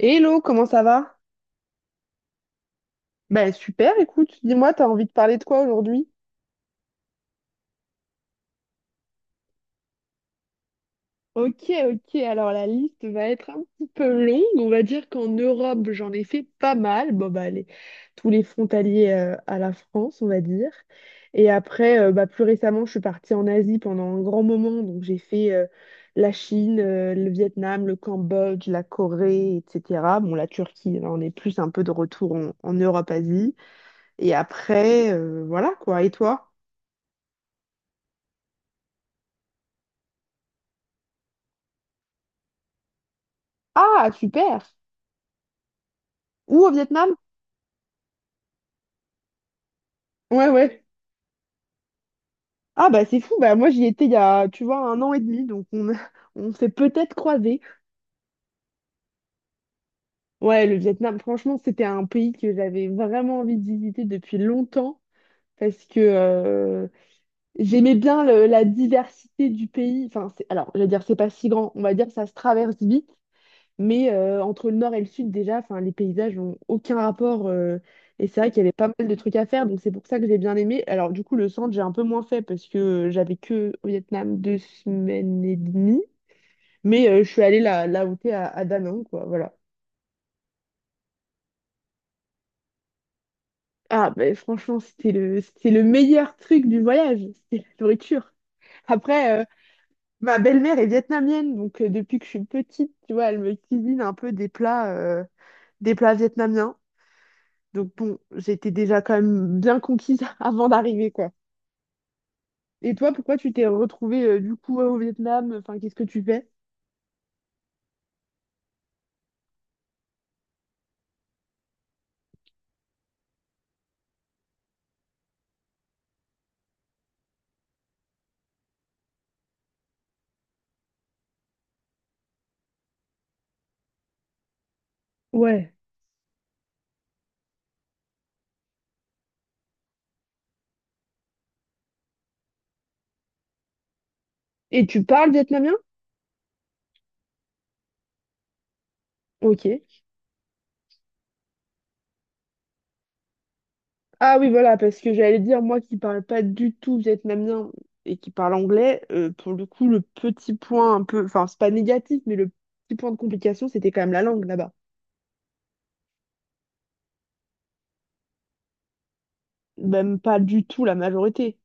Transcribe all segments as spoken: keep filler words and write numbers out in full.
Hello, comment ça va? Ben super, écoute, dis-moi, t'as envie de parler de quoi aujourd'hui? Ok, ok, alors la liste va être un petit peu longue. On va dire qu'en Europe, j'en ai fait pas mal. Bon, bah, les- tous les frontaliers euh, à la France, on va dire. Et après, euh, bah, plus récemment, je suis partie en Asie pendant un grand moment. Donc, j'ai fait euh, la Chine, euh, le Vietnam, le Cambodge, la Corée, et cetera. Bon, la Turquie, là, on est plus un peu de retour en, en Europe-Asie. Et après, euh, voilà quoi. Et toi? Ah, super! Où au Vietnam? Ouais, ouais. Ah bah c'est fou, bah moi j'y étais il y a, tu vois, un an et demi, donc on, on s'est peut-être croisés. Ouais, le Vietnam, franchement, c'était un pays que j'avais vraiment envie de visiter depuis longtemps, parce que euh, j'aimais bien le- la diversité du pays. Enfin, c'est- alors, je vais dire, c'est pas si grand, on va dire, ça se traverse vite. Mais euh, entre le nord et le sud, déjà, enfin, les paysages n'ont aucun rapport. Euh, et c'est vrai qu'il y avait pas mal de trucs à faire, donc c'est pour ça que j'ai bien aimé. Alors, du coup, le centre, j'ai un peu moins fait parce que j'avais que au Vietnam deux semaines et demie. Mais euh, je suis allée là, là où t'es, à, à Da Nang, quoi, voilà. Ah, ben franchement, c'était le, c'était le meilleur truc du voyage, c'était la nourriture. Après, euh, ma belle-mère est vietnamienne, donc euh, depuis que je suis petite, tu vois, elle me cuisine un peu des plats, euh, des plats vietnamiens. Donc bon, j'étais déjà quand même bien conquise avant d'arriver, quoi. Et toi, pourquoi tu t'es retrouvée euh, du coup au Vietnam? Enfin, qu'est-ce que tu fais? Ouais. Et tu parles vietnamien? Ok. Ah oui, voilà, parce que j'allais dire, moi qui parle pas du tout vietnamien et qui parle anglais, euh, pour le coup, le petit point un peu, enfin, c'est pas négatif, mais le petit point de complication, c'était quand même la langue là-bas. Même pas du tout la majorité.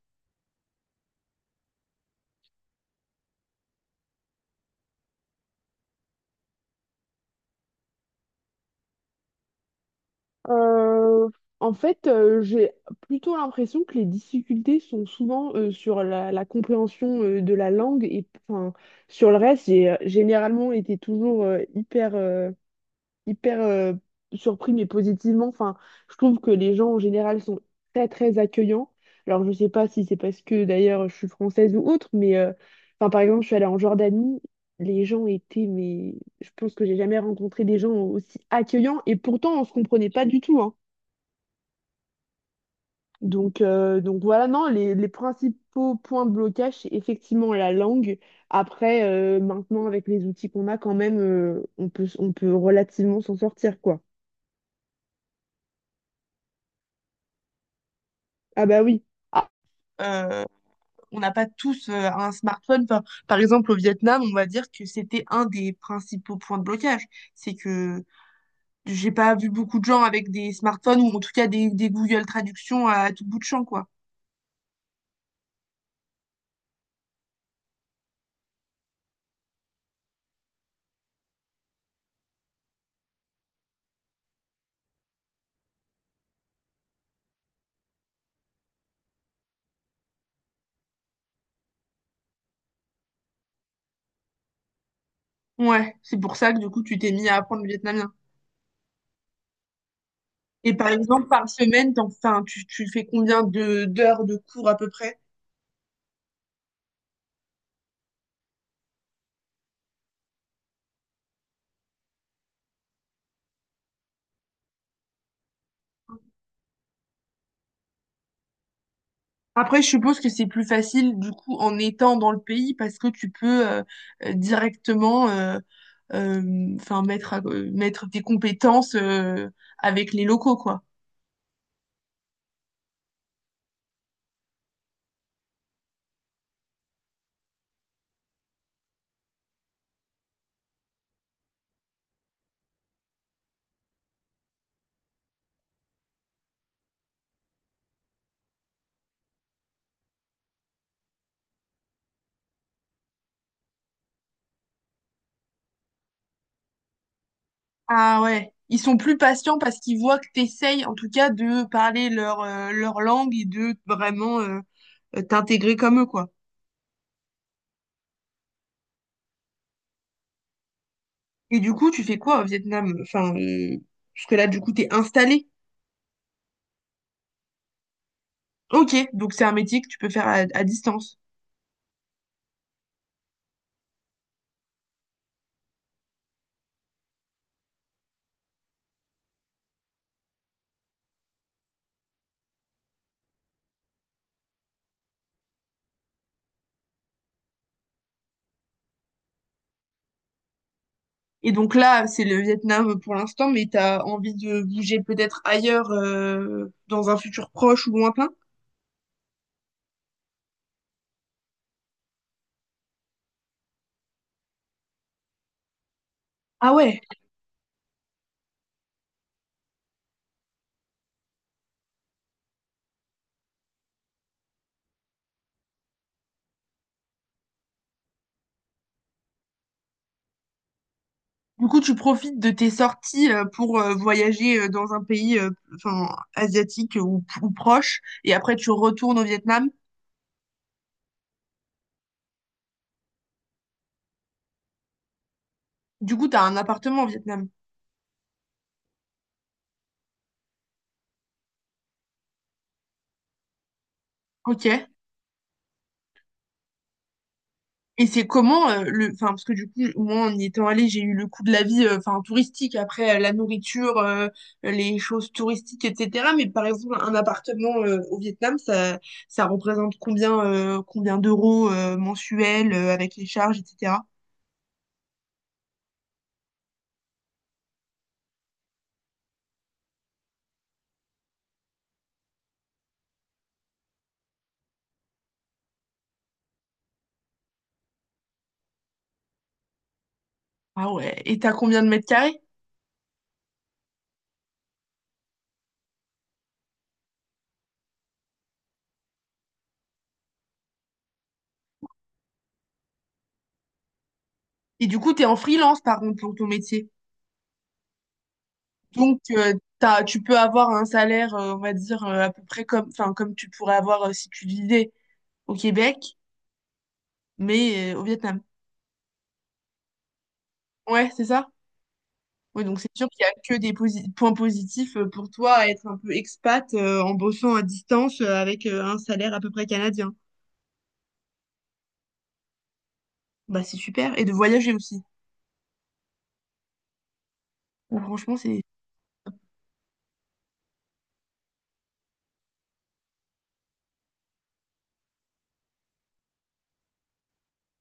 Euh, en fait, euh, j'ai plutôt l'impression que les difficultés sont souvent euh, sur la, la compréhension euh, de la langue et enfin, sur le reste, j'ai euh, généralement été toujours euh, hyper, euh, hyper euh, surpris mais positivement. Enfin, je trouve que les gens en général sont très très accueillants. Alors, je sais pas si c'est parce que d'ailleurs je suis française ou autre, mais euh, enfin, par exemple, je suis allée en Jordanie. Les gens étaient, mais je pense que j'ai jamais rencontré des gens aussi accueillants et pourtant on se comprenait pas du tout, hein. Donc, euh, donc voilà, non, les, les principaux points de blocage, c'est effectivement la langue. Après, euh, maintenant, avec les outils qu'on a, quand même, euh, on peut, on peut relativement s'en sortir, quoi. Ah bah oui. Ah, euh, on n'a pas tous euh, un smartphone. Enfin, par exemple, au Vietnam, on va dire que c'était un des principaux points de blocage. C'est que j'ai pas vu beaucoup de gens avec des smartphones ou en tout cas des, des Google Traductions à tout bout de champ, quoi. Ouais, c'est pour ça que du coup, tu t'es mis à apprendre le vietnamien. Et par exemple, par semaine, t'en, enfin, tu, tu fais combien de d'heures de cours à peu près? Après, je suppose que c'est plus facile du coup en étant dans le pays parce que tu peux euh, euh, directement euh, euh, enfin, mettre, à- euh, mettre tes compétences euh, avec les locaux, quoi. Ah ouais. Ils sont plus patients parce qu'ils voient que t'essayes en tout cas de parler leur, euh, leur langue et de vraiment euh, euh, t'intégrer comme eux, quoi. Et du coup, tu fais quoi au Vietnam? Enfin, euh, parce que là, du coup, t'es installé. Ok, donc c'est un métier que tu peux faire à, à distance. Et donc là, c'est le Vietnam pour l'instant, mais t'as envie de bouger peut-être ailleurs, euh, dans un futur proche ou lointain? Ah ouais. Du coup, tu profites de tes sorties euh, pour euh, voyager euh, dans un pays, euh, enfin, asiatique ou, ou proche, et après tu retournes au Vietnam. Du coup, t'as un appartement au Vietnam. Ok. Et c'est comment euh, le, enfin parce que du coup moi en y étant allée j'ai eu le coût de la vie euh, enfin touristique après euh, la nourriture euh, les choses touristiques etc mais par exemple un appartement euh, au Vietnam ça ça représente combien euh, combien d'euros euh, mensuels euh, avec les charges et cetera. Ah ouais et t'as combien de mètres carrés? Et du coup t'es en freelance par contre pour ton métier. Donc, euh, t'as- tu peux avoir un salaire, euh, on va dire, euh, à peu près comme, enfin, comme tu pourrais avoir euh, si tu vivais au Québec, mais euh, au Vietnam. Ouais, c'est ça? Oui, donc c'est sûr qu'il n'y a que des posi- points positifs euh, pour toi à être un peu expat euh, en bossant à distance euh, avec euh, un salaire à peu près canadien. Bah, c'est super. Et de voyager aussi. Donc, franchement, c'est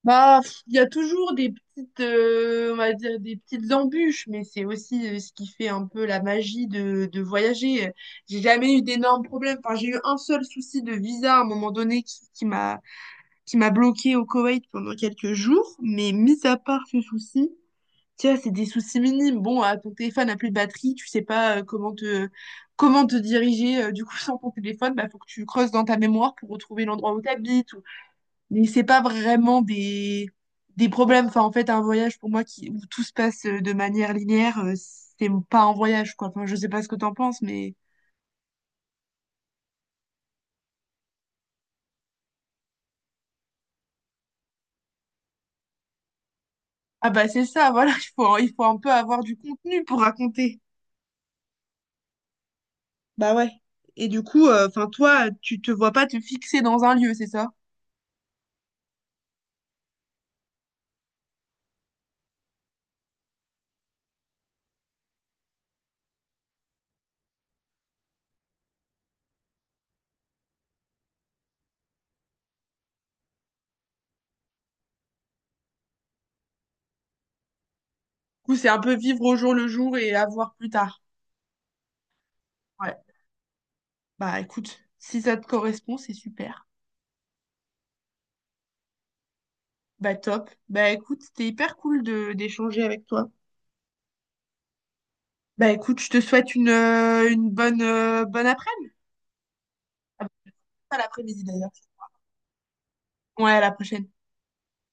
bah, pff, il y a toujours des petites, euh, on va dire des petites embûches, mais c'est aussi euh, ce qui fait un peu la magie de, de voyager. Euh, J'ai jamais eu d'énormes problèmes. Enfin, j'ai eu un seul souci de visa à un moment donné qui, qui m'a, qui m'a bloqué au Koweït pendant quelques jours. Mais mis à part ce souci, tiens, c'est des soucis minimes. Bon, ah, ton téléphone n'a plus de batterie, tu sais pas euh, comment te, comment te diriger. Euh, du coup, sans ton téléphone, bah, faut que tu creuses dans ta mémoire pour retrouver l'endroit où tu habites mais c'est pas vraiment des, des problèmes. Enfin, en fait, un voyage pour moi qui, où tout se passe euh, de manière linéaire, euh, c'est pas un voyage, quoi. Enfin, je sais pas ce que t'en penses, mais. Ah bah c'est ça, voilà, il faut, il faut un peu avoir du contenu pour raconter. Bah ouais. Et du coup, enfin, toi, tu te vois pas te fixer dans un lieu, c'est ça? Du coup, c'est un peu vivre au jour le jour et à voir plus tard. Ouais. Bah écoute, si ça te correspond, c'est super. Bah top. Bah écoute, c'était hyper cool de d'échanger avec toi. Bah écoute, je te souhaite une, euh, une bonne, euh, bonne après-midi. Ah, pas l'après-midi d'ailleurs. Ouais, à la prochaine.